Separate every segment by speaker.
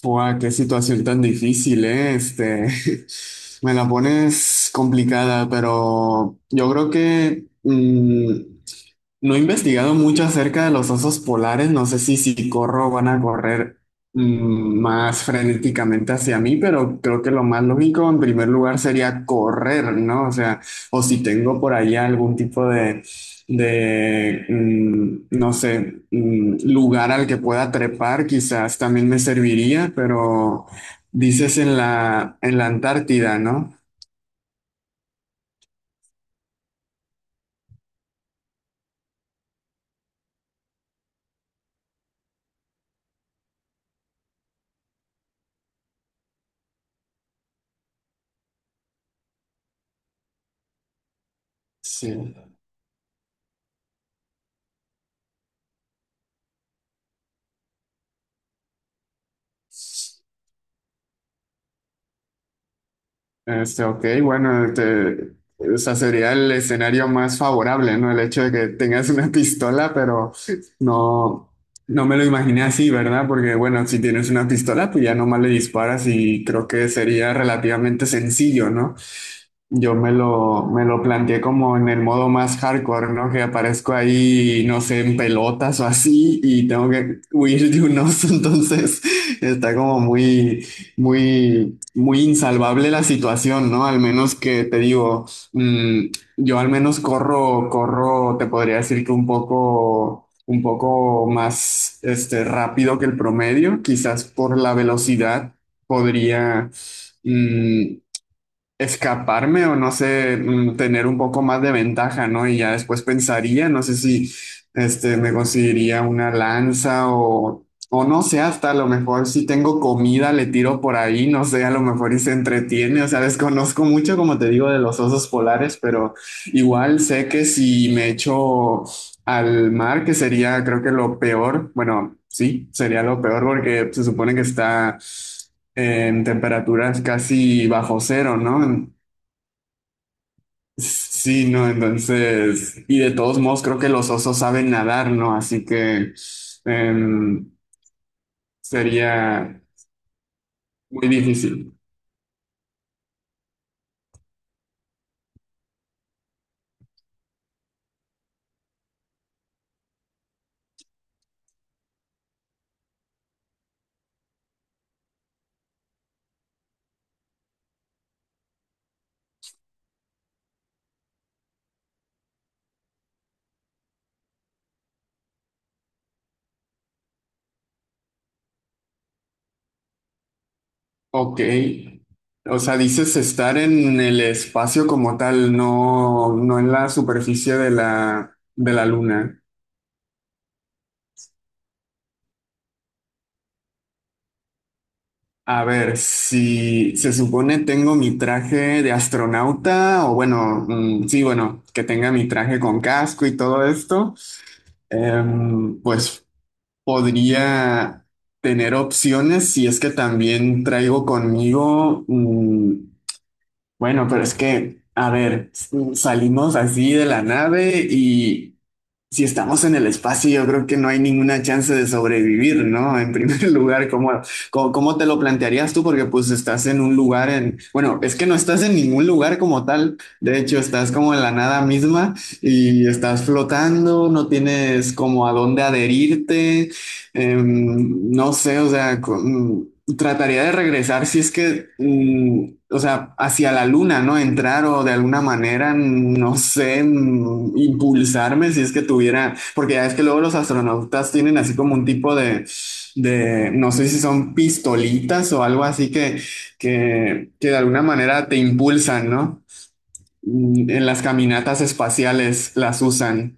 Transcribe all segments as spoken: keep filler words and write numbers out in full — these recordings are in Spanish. Speaker 1: Fua, qué situación tan difícil, ¿eh? Este, me la pones complicada, pero yo creo que mm, no he investigado mucho acerca de los osos polares. No sé si si corro van a correr mm, más frenéticamente hacia mí, pero creo que lo más lógico en primer lugar sería correr, ¿no? O sea, o si tengo por allá algún tipo de de, mm, no sé, mm, lugar al que pueda trepar, quizás también me serviría, pero dices en la, en la Antártida, ¿no? Sí. Este, ok, bueno, te- o sea, sería el escenario más favorable, ¿no? El hecho de que tengas una pistola, pero no, no me lo imaginé así, ¿verdad? Porque, bueno, si tienes una pistola, pues ya nomás le disparas y creo que sería relativamente sencillo, ¿no? Yo me lo, me lo planteé como en el modo más hardcore, ¿no? Que aparezco ahí, no sé, en pelotas o así y tengo que huir de un oso, entonces está como muy, muy, muy insalvable la situación, ¿no? Al menos que te digo, mm, yo al menos corro, corro, te podría decir que un poco, un poco más, este, rápido que el promedio, quizás por la velocidad podría. Mm, Escaparme o no sé, mm, tener un poco más de ventaja, ¿no? Y ya después pensaría, no sé si este me conseguiría una lanza o o no sé, hasta a lo mejor si tengo comida le tiro por ahí, no sé, a lo mejor y se entretiene. O sea, desconozco mucho, como te digo, de los osos polares, pero igual sé que si me echo al mar, que sería creo que lo peor, bueno, sí, sería lo peor porque se supone que está en temperaturas casi bajo cero, ¿no? En- Sí, no, entonces, y de todos modos creo que los osos saben nadar, ¿no? Así que em, sería muy difícil. Ok. O sea, dices estar en el espacio como tal, no, no en la superficie de la, de la luna. A ver, si se supone tengo mi traje de astronauta, o bueno, mm, sí, bueno, que tenga mi traje con casco y todo esto, em, pues podría tener opciones si es que también traigo conmigo, mm, bueno, pero es que, a ver, s- salimos así de la nave y si estamos en el espacio, yo creo que no hay ninguna chance de sobrevivir, ¿no? En primer lugar, ¿cómo, cómo, cómo te lo plantearías tú? Porque pues estás en un lugar en, bueno, es que no estás en ningún lugar como tal, de hecho estás como en la nada misma y estás flotando, no tienes como a dónde adherirte. Em, no sé, o sea, co- trataría de regresar si es que, mm, o sea, hacia la luna, ¿no? Entrar o de alguna manera, mm, no sé, mm, impulsarme si es que tuviera, porque ya es que luego los astronautas tienen así como un tipo de, de, no sé si son pistolitas o algo así que, que, que de alguna manera te impulsan, ¿no? Mm, En las caminatas espaciales las usan.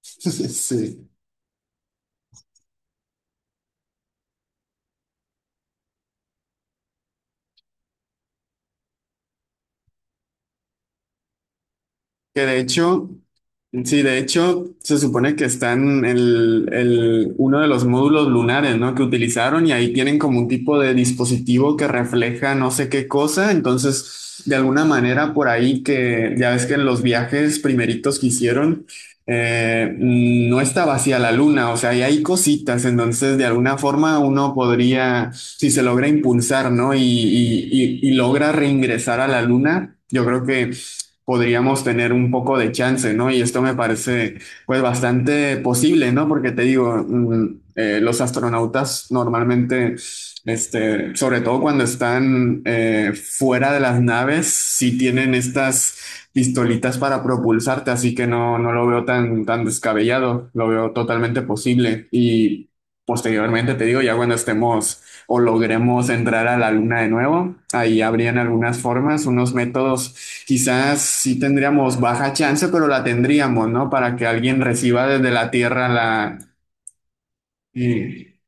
Speaker 1: Sí. Que de hecho, sí, de hecho, se supone que están en el, el, uno de los módulos lunares, ¿no? Que utilizaron, y ahí tienen como un tipo de dispositivo que refleja no sé qué cosa. Entonces, de alguna manera, por ahí que ya ves que en los viajes primeritos que hicieron, eh, no está vacía la luna, o sea, y hay cositas. Entonces, de alguna forma, uno podría, si se logra impulsar, ¿no? Y, y, y, y logra reingresar a la luna. Yo creo que podríamos tener un poco de chance, ¿no? Y esto me parece pues bastante posible, ¿no? Porque te digo, mm, eh, los astronautas normalmente, este, sobre todo cuando están eh, fuera de las naves, sí tienen estas pistolitas para propulsarte, así que no, no lo veo tan, tan descabellado, lo veo totalmente posible. Y posteriormente, te digo, ya cuando estemos o logremos entrar a la luna de nuevo, ahí habrían algunas formas, unos métodos, quizás sí tendríamos baja chance, pero la tendríamos, ¿no? Para que alguien reciba desde la Tierra la. eh,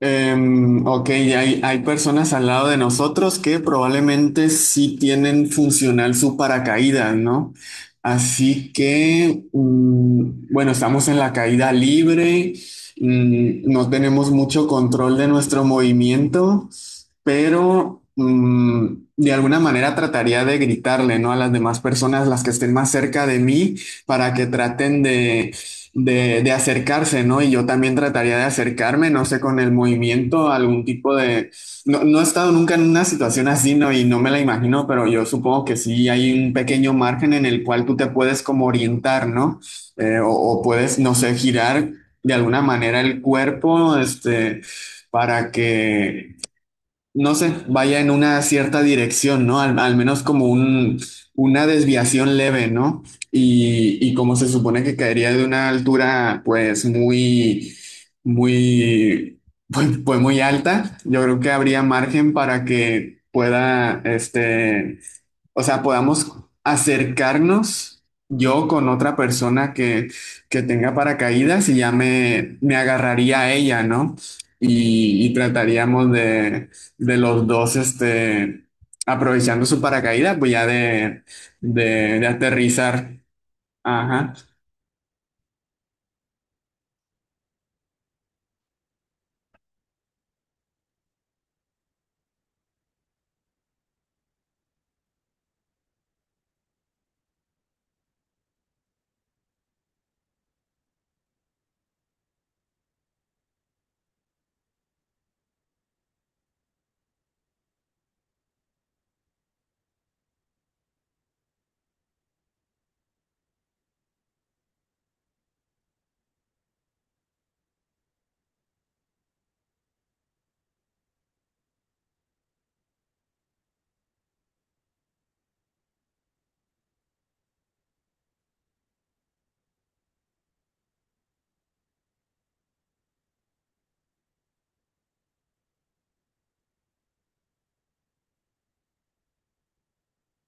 Speaker 1: Em, ok, hay, hay personas al lado de nosotros que probablemente sí tienen funcional su paracaídas, ¿no? Así que, mm, bueno, estamos en la caída libre, mm, no tenemos mucho control de nuestro movimiento, pero mm, de alguna manera trataría de gritarle, ¿no? A las demás personas, las que estén más cerca de mí, para que traten de, de acercarse, ¿no? Y yo también trataría de acercarme, no sé, con el movimiento, algún tipo de. No, no he estado nunca en una situación así, ¿no? Y no me la imagino, pero yo supongo que sí hay un pequeño margen en el cual tú te puedes como orientar, ¿no? Eh, o, o puedes, no sé, girar de alguna manera el cuerpo, este, para que no sé, vaya en una cierta dirección, ¿no? Al, al menos como un, una desviación leve, ¿no? Y, y como se supone que caería de una altura, pues muy, muy, pues, pues muy alta, yo creo que habría margen para que pueda, este o sea, podamos acercarnos yo con otra persona que, que tenga paracaídas, y ya me, me agarraría a ella, ¿no? Y, y trataríamos de, de los dos, este, aprovechando su paracaídas, pues ya de, de, de aterrizar. Ajá.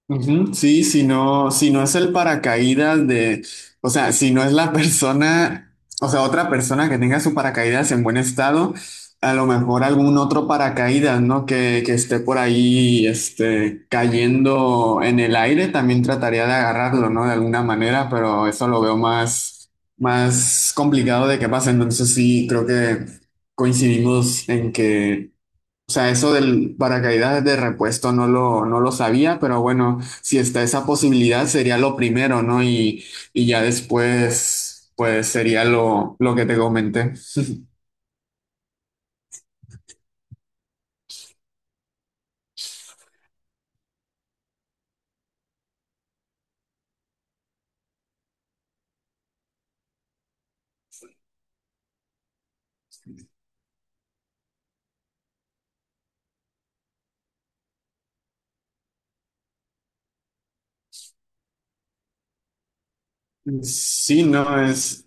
Speaker 1: Ujú, sí, si no, si no es el paracaídas de, o sea, si no es la persona, o sea, otra persona que tenga su paracaídas en buen estado, a lo mejor algún otro paracaídas, ¿no? Que, que esté por ahí, este, cayendo en el aire, también trataría de agarrarlo, ¿no? De alguna manera, pero eso lo veo más, más complicado de que pase. Entonces sí, creo que coincidimos en que, o sea, eso del paracaídas de repuesto no lo, no lo sabía, pero bueno, si está esa posibilidad sería lo primero, ¿no? Y, y ya después, pues sería lo, lo que te comenté. Sí, no es.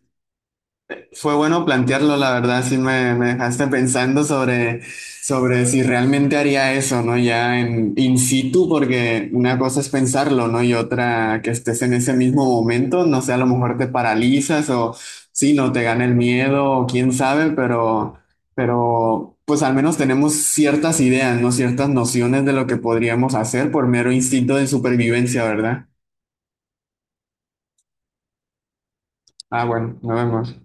Speaker 1: Fue bueno plantearlo, la verdad, sí me, me dejaste pensando sobre, sobre si realmente haría eso, ¿no? Ya en in situ, porque una cosa es pensarlo, ¿no? Y otra que estés en ese mismo momento, no sé, a lo mejor te paralizas o sí, no te gana el miedo, o quién sabe, pero, pero pues al menos tenemos ciertas ideas, ¿no? Ciertas nociones de lo que podríamos hacer por mero instinto de supervivencia, ¿verdad? Ah, bueno, nos vemos.